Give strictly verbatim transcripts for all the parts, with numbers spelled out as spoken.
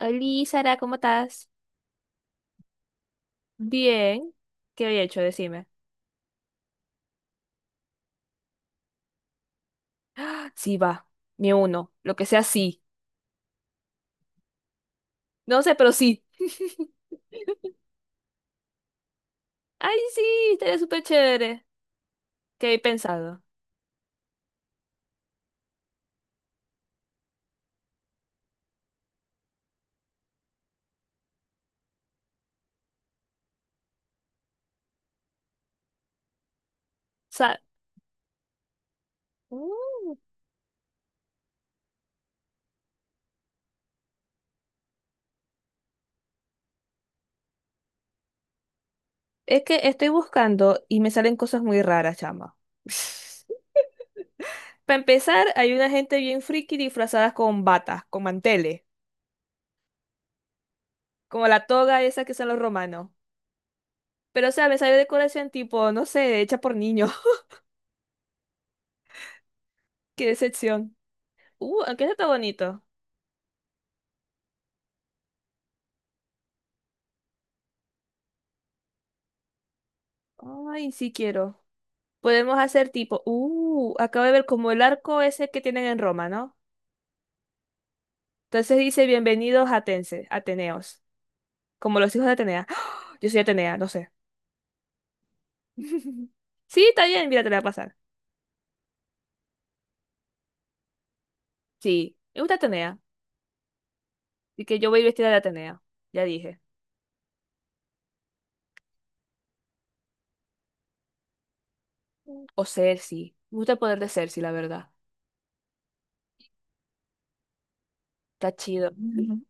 Hola, Sara, ¿cómo estás? Bien, ¿qué había hecho? Decime. Sí, va, me uno, lo que sea, sí. No sé, pero sí. Ay, sí, estaría súper chévere. ¿Qué he pensado? O sea, mm, es que estoy buscando y me salen cosas muy raras, chama. Para empezar, hay una gente bien friki disfrazadas con batas, con manteles, como la toga esa que son los romanos. Pero, o sea, me sale decoración tipo, no sé, hecha por niños. Qué decepción. Uh, aunque eso está bonito. Ay, sí quiero. Podemos hacer tipo, uh, acabo de ver como el arco ese que tienen en Roma, ¿no? Entonces dice, bienvenidos Atense, Ateneos, como los hijos de Atenea. ¡Ah! Yo soy Atenea, no sé. Sí, está bien, mira, te la voy a pasar. Sí, me gusta Atenea, y que yo voy vestida de Atenea, ya dije. O Cersei, me gusta el poder de Cersei, la verdad. Está chido. Ujú.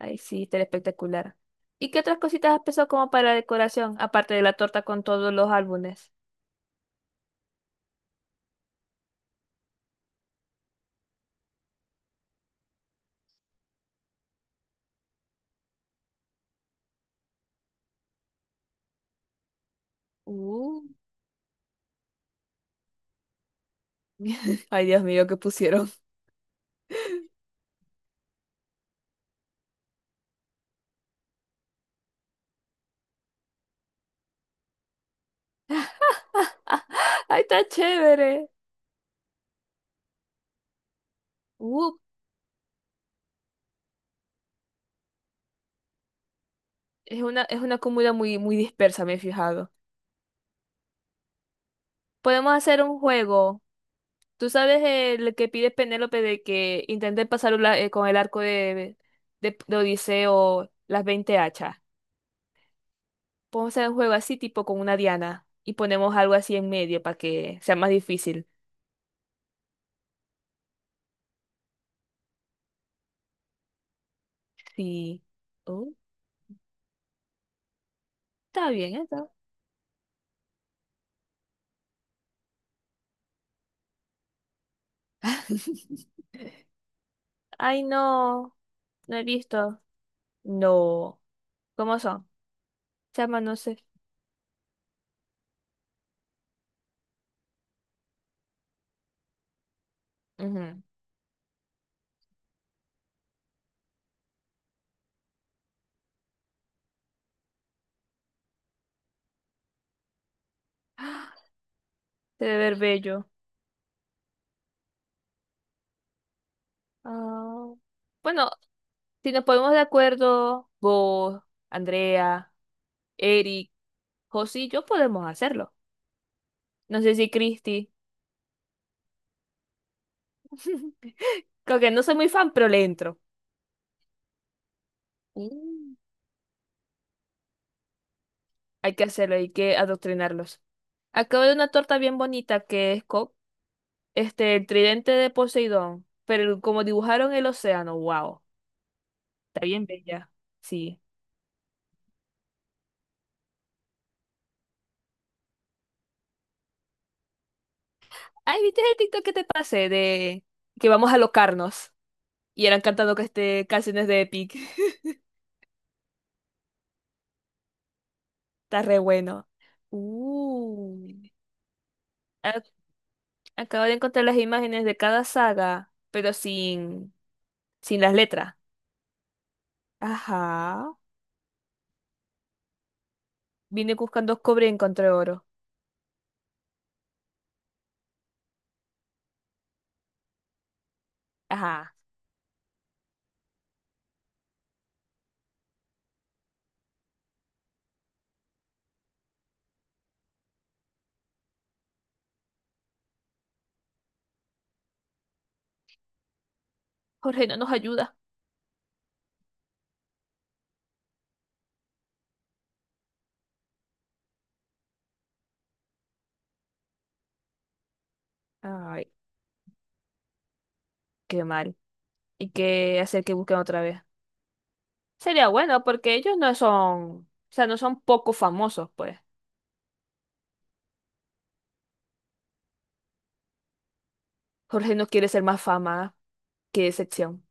Ay, sí, está espectacular. ¿Y qué otras cositas has pensado como para la decoración, aparte de la torta con todos los álbumes? Uh. Ay, Dios mío, ¿qué pusieron? Ay, está chévere. Uh, es una, es una comuna muy, muy dispersa, me he fijado. Podemos hacer un juego. Tú sabes el que pide Penélope de que intente pasar un la- eh, con el arco de, de, de Odiseo las veinte hachas. Podemos hacer un juego así, tipo con una diana. Y ponemos algo así en medio para que sea más difícil. Sí. Oh, está bien eso. Ay, no. No he visto. No. ¿Cómo son? Chama, no sé. Ujú. Se debe ver bello. Ah, bueno, si nos ponemos de acuerdo, vos, Andrea, Eric, José y yo podemos hacerlo. No sé si Cristi. Creo que no soy muy fan, pero le entro. Mm. Hay que hacerlo, hay que adoctrinarlos. Acabo de una torta bien bonita que es co- este, el tridente de Poseidón, pero como dibujaron el océano, wow, está bien bella. Sí. Ay, ¿viste el TikTok que te pasé de que vamos a locarnos? Y eran cantando que este, canciones de Epic. Está re bueno. Uh, a- Acabo de encontrar las imágenes de cada saga, pero sin, sin las letras. Ajá. Vine buscando cobre y encontré oro. Ajá. Jorge no nos ayuda. Ay, qué mal. Hay que hacer que busquen otra vez. Sería bueno porque ellos no son, o sea, no son poco famosos, pues. Jorge no quiere ser más fama que decepción.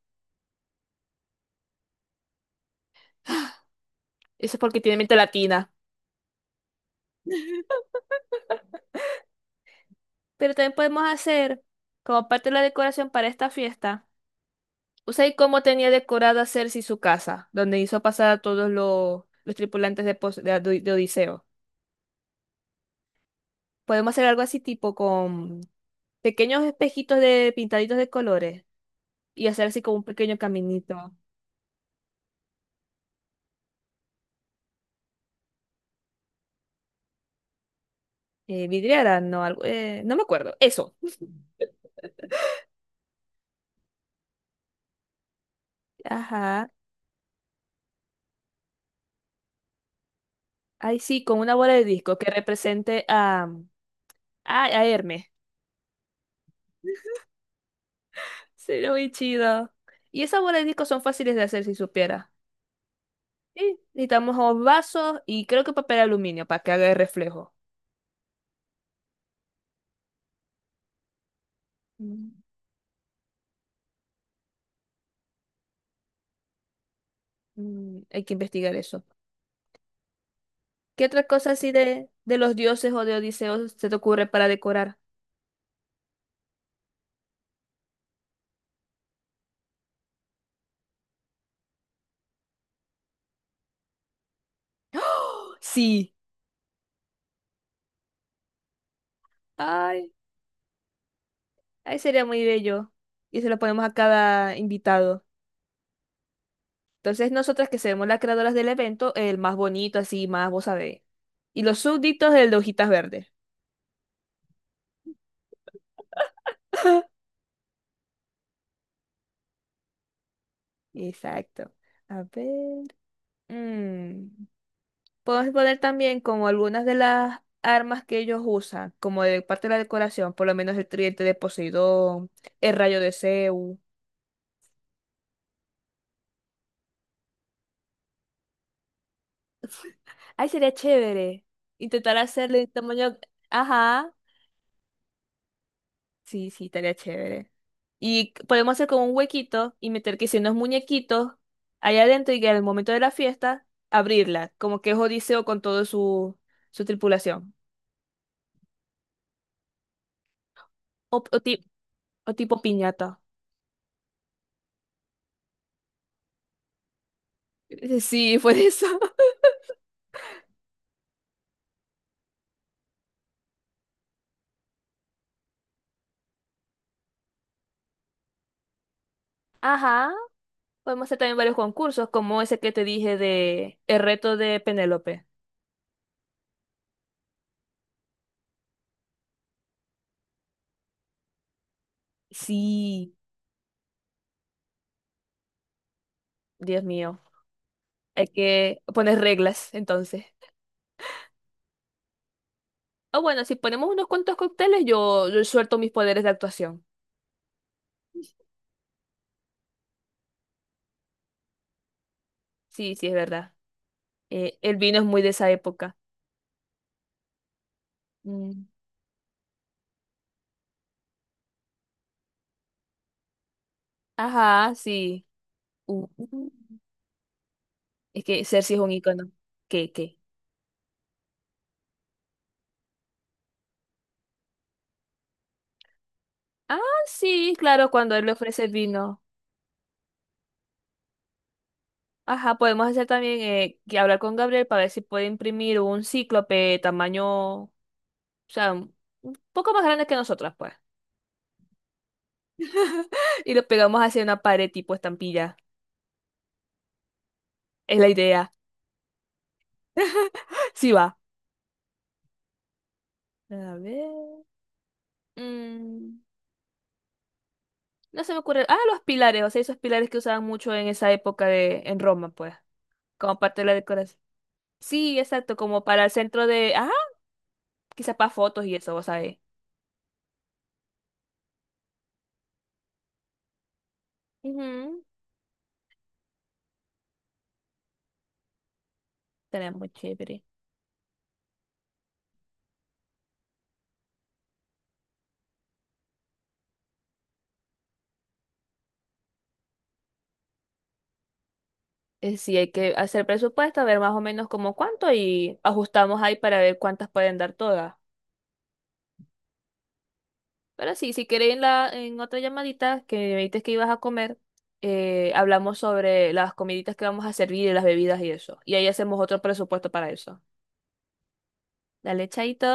Eso es porque tiene mente latina. Pero también podemos hacer, como parte de la decoración para esta fiesta, Usai cómo tenía decorada Cersei su casa, donde hizo pasar a todos los, los tripulantes de, Pos- de Ado- de Odiseo. Podemos hacer algo así tipo con pequeños espejitos de pintaditos de colores y hacer así como un pequeño caminito. Eh, vidriera, no, algo, eh, no me acuerdo. Eso. Ajá. Ahí sí, con una bola de disco que represente a, a, a Hermes. Sería muy chido. Y esas bolas de disco son fáciles de hacer si supiera. Sí, necesitamos o vasos y creo que papel aluminio para que haga el reflejo. Mm, mm, Hay que investigar eso. ¿Qué otra cosa así de, de los dioses o de Odiseo se te ocurre para decorar? Sí. Ay, ahí sería muy bello. Y se lo ponemos a cada invitado. Entonces nosotras que seremos las creadoras del evento, el más bonito, así más, vos sabés. Y los súbditos, el de hojitas verdes. Exacto. A ver. mm, Podemos poner también como algunas de las armas que ellos usan, como de parte de la decoración, por lo menos el tridente de Poseidón, el rayo de Zeus. Ay, sería chévere. Intentar hacerle el tamaño. Ajá. Sí, sí, estaría chévere. Y c- podemos hacer como un huequito y meter que si unos muñequitos allá adentro y que al momento de la fiesta abrirla, como que es Odiseo con toda su, su tripulación. O, o ti- o tipo piñata. Sí, fue eso. Ajá. Podemos hacer también varios concursos, como ese que te dije de el reto de Penélope. Sí, Dios mío. Hay que poner reglas, entonces. O bueno, si ponemos unos cuantos cócteles, yo, yo suelto mis poderes de actuación. Sí, sí, es verdad. Eh, el vino es muy de esa época. Mm. Ajá, sí. Uh, uh. Es que Cersei es un ícono. ¿Qué, qué? Ah, sí, claro, cuando él le ofrece el vino. Ajá, podemos hacer también eh, que hablar con Gabriel para ver si puede imprimir un cíclope tamaño. O sea, un poco más grandes que nosotras, pues. Y lo pegamos hacia una pared tipo estampilla. Es la idea. Sí va. A ver. mm, no se me ocurre. Ah, los pilares. O sea, esos pilares que usaban mucho en esa época de, en Roma, pues. Como parte de la decoración. Sí, exacto. Como para el centro de. Ah, quizás para fotos y eso, vos sabés. Ujú, estaría muy chévere. Eh, sí, hay que hacer presupuesto, a ver más o menos como cuánto y ajustamos ahí para ver cuántas pueden dar todas. Pero sí, si queréis en la, en otra llamadita que me dijiste que ibas a comer, eh, hablamos sobre las comiditas que vamos a servir y las bebidas y eso. Y ahí hacemos otro presupuesto para eso. Dale, chaito.